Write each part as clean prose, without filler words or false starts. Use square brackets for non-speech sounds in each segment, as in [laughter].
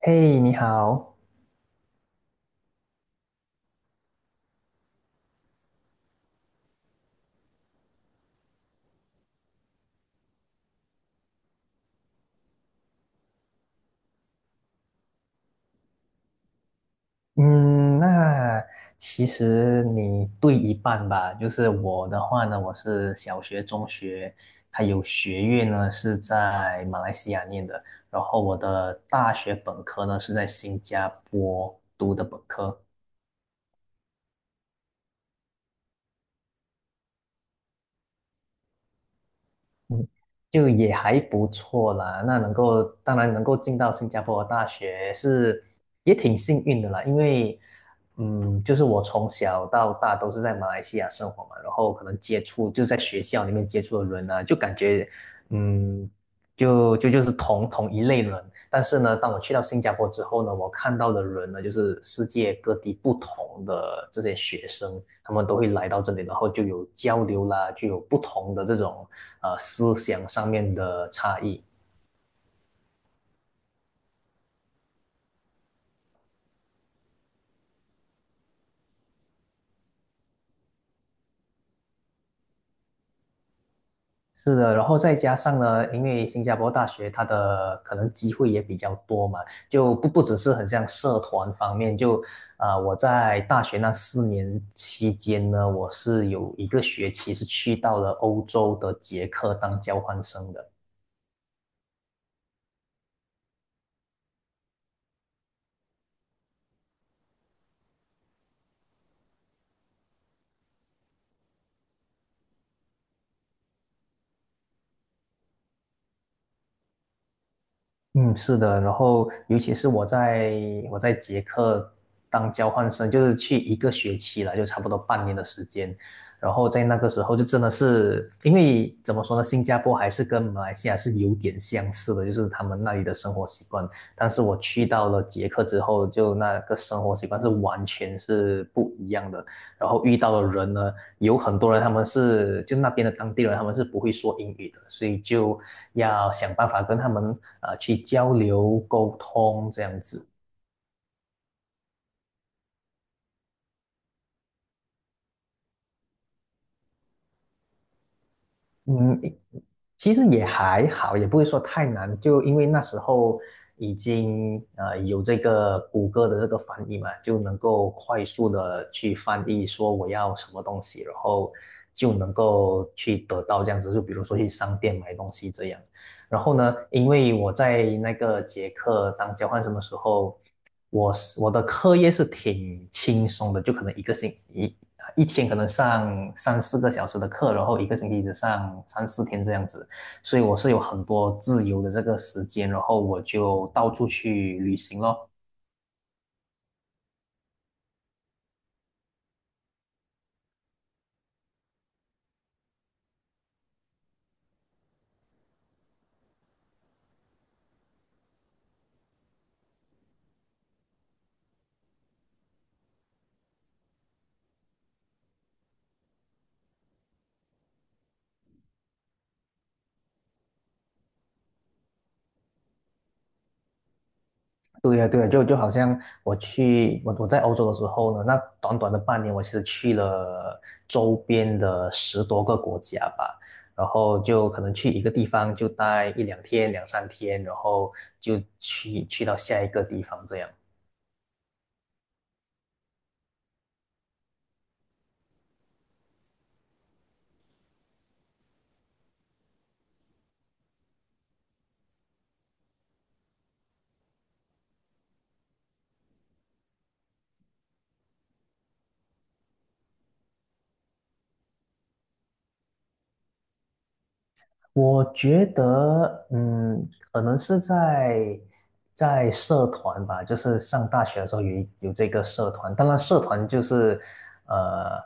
嘿，你好。嗯，那其实你对一半吧。就是我的话呢，我是小学、中学，还有学院呢是在马来西亚念的，然后我的大学本科呢是在新加坡读的本科。嗯就也还不错啦。那能够，当然能够进到新加坡的大学是也挺幸运的啦，因为，就是我从小到大都是在马来西亚生活嘛，然后可能接触就在学校里面接触的人啊，就感觉，嗯。就是同一类人，但是呢，当我去到新加坡之后呢，我看到的人呢，就是世界各地不同的这些学生，他们都会来到这里，然后就有交流啦，就有不同的这种思想上面的差异。是的，然后再加上呢，因为新加坡大学它的可能机会也比较多嘛，就不只是很像社团方面，就我在大学那4年期间呢，我是有一个学期是去到了欧洲的捷克当交换生的。嗯，是的，然后尤其是我在捷克当交换生，就是去一个学期了，就差不多半年的时间。然后在那个时候，就真的是因为怎么说呢，新加坡还是跟马来西亚是有点相似的，就是他们那里的生活习惯。但是我去到了捷克之后，就那个生活习惯是完全是不一样的。然后遇到的人呢，有很多人他们是就那边的当地人，他们是不会说英语的，所以就要想办法跟他们去交流沟通这样子。嗯，其实也还好，也不会说太难，就因为那时候已经有这个谷歌的这个翻译嘛，就能够快速的去翻译说我要什么东西，然后就能够去得到这样子，就比如说去商店买东西这样。然后呢，因为我在那个捷克当交换生的时候，我的课业是挺轻松的，就可能一个星一一天可能上三四个小时的课，然后一个星期只上三四天这样子，所以我是有很多自由的这个时间，然后我就到处去旅行咯。对呀，对呀，就好像我去我我在欧洲的时候呢，那短短的半年，我其实去了周边的10多个国家吧，然后就可能去一个地方就待一两天、两三天，然后就去到下一个地方这样。我觉得，可能是在社团吧，就是上大学的时候有这个社团，当然社团就是呃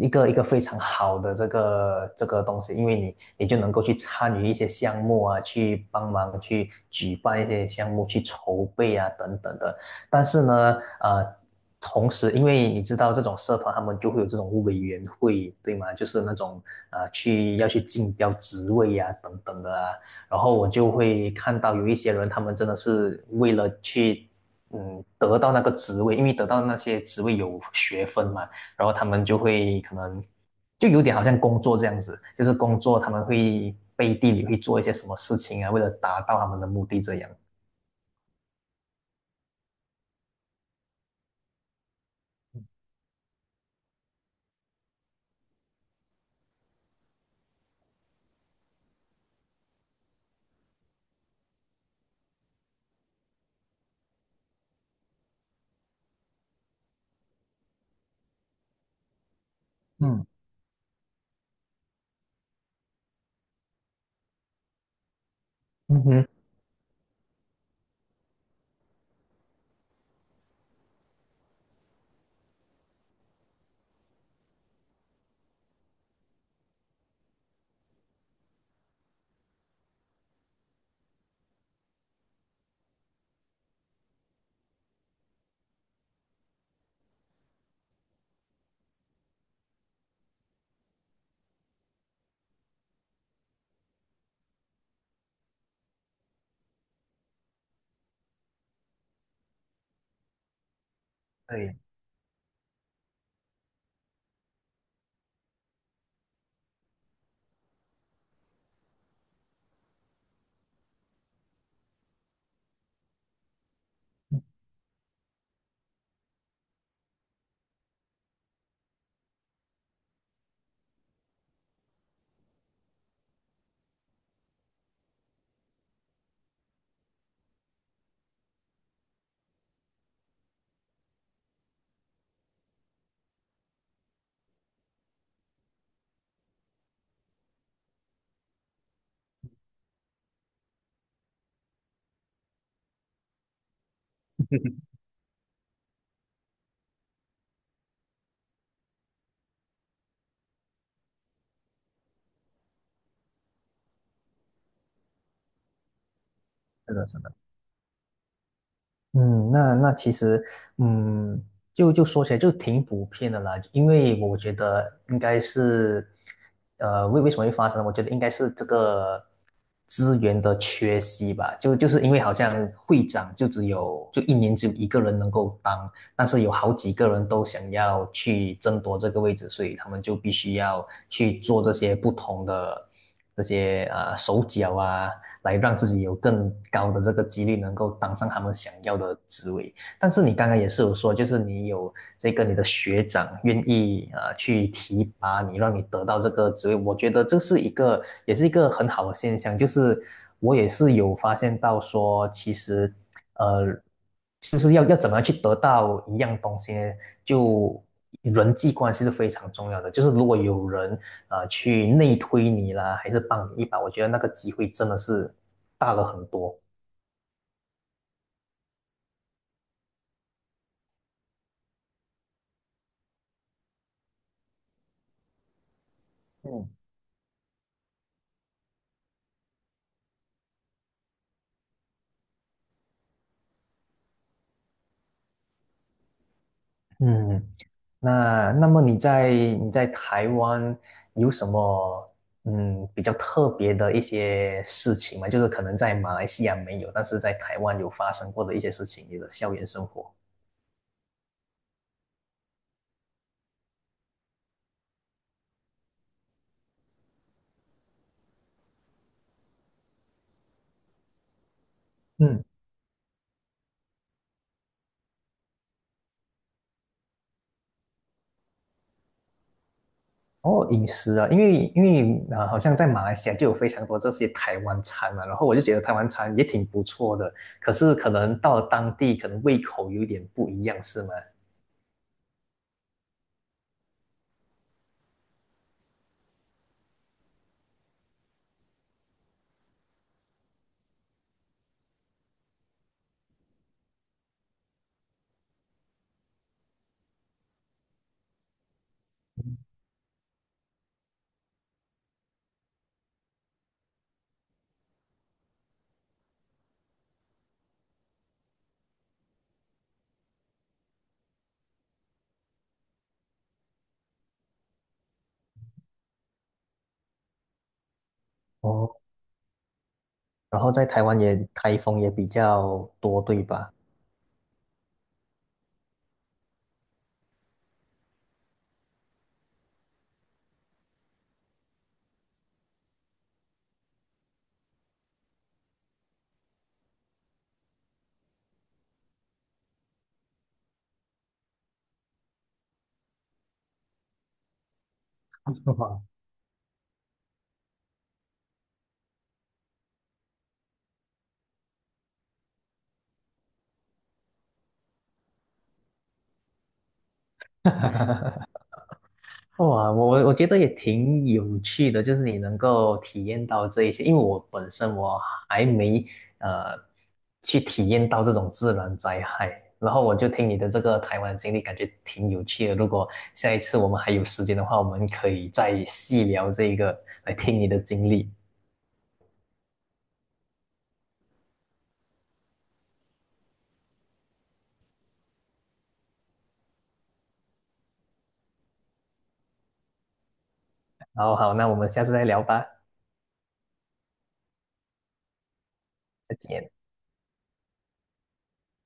一个非常好的这个这个东西，因为你就能够去参与一些项目啊，去帮忙去举办一些项目，去筹备啊等等的。但是呢，呃，同时，因为你知道这种社团他们就会有这种委员会，对吗？就是那种要去竞标职位呀、等等的啊。然后我就会看到有一些人，他们真的是为了去得到那个职位，因为得到那些职位有学分嘛，然后他们就会可能就有点好像工作这样子，就是工作他们会背地里会做一些什么事情啊，为了达到他们的目的这样。嗯嗯哼。对，[laughs] 是的，是的。嗯，那其实，嗯，就说起来就挺普遍的啦，因为我觉得应该是，为什么会发生呢我觉得应该是这个资源的缺席吧，就是因为好像会长就只有就一年只有一个人能够当，但是有好几个人都想要去争夺这个位置，所以他们就必须要去做这些不同的这些手脚啊。来让自己有更高的这个几率能够当上他们想要的职位。但是你刚刚也是有说，就是你有这个你的学长愿意啊去提拔你，让你得到这个职位，我觉得这是一个也是一个很好的现象。就是我也是有发现到说，其实呃，就是要怎么样去得到一样东西呢，就人际关系是非常重要的。就是如果有人啊去内推你啦，还是帮你一把，我觉得那个机会真的是大了很多。嗯。嗯，那么你在台湾有什么比较特别的一些事情吗？就是可能在马来西亚没有，但是在台湾有发生过的一些事情，你的校园生活。嗯，哦，饮食啊，因为好像在马来西亚就有非常多这些台湾餐嘛，然后我就觉得台湾餐也挺不错的，可是可能到了当地，可能胃口有点不一样，是吗？哦，然后在台湾也台风也比较多，对吧？[laughs] [laughs] 哈哈。[laughs] 哇，我觉得也挺有趣的，就是你能够体验到这一些，因为我本身我还没呃去体验到这种自然灾害，然后我就听你的这个台湾经历，感觉挺有趣的。如果下一次我们还有时间的话，我们可以再细聊这个，来听你的经历。然后好，那我们下次再聊吧，再见。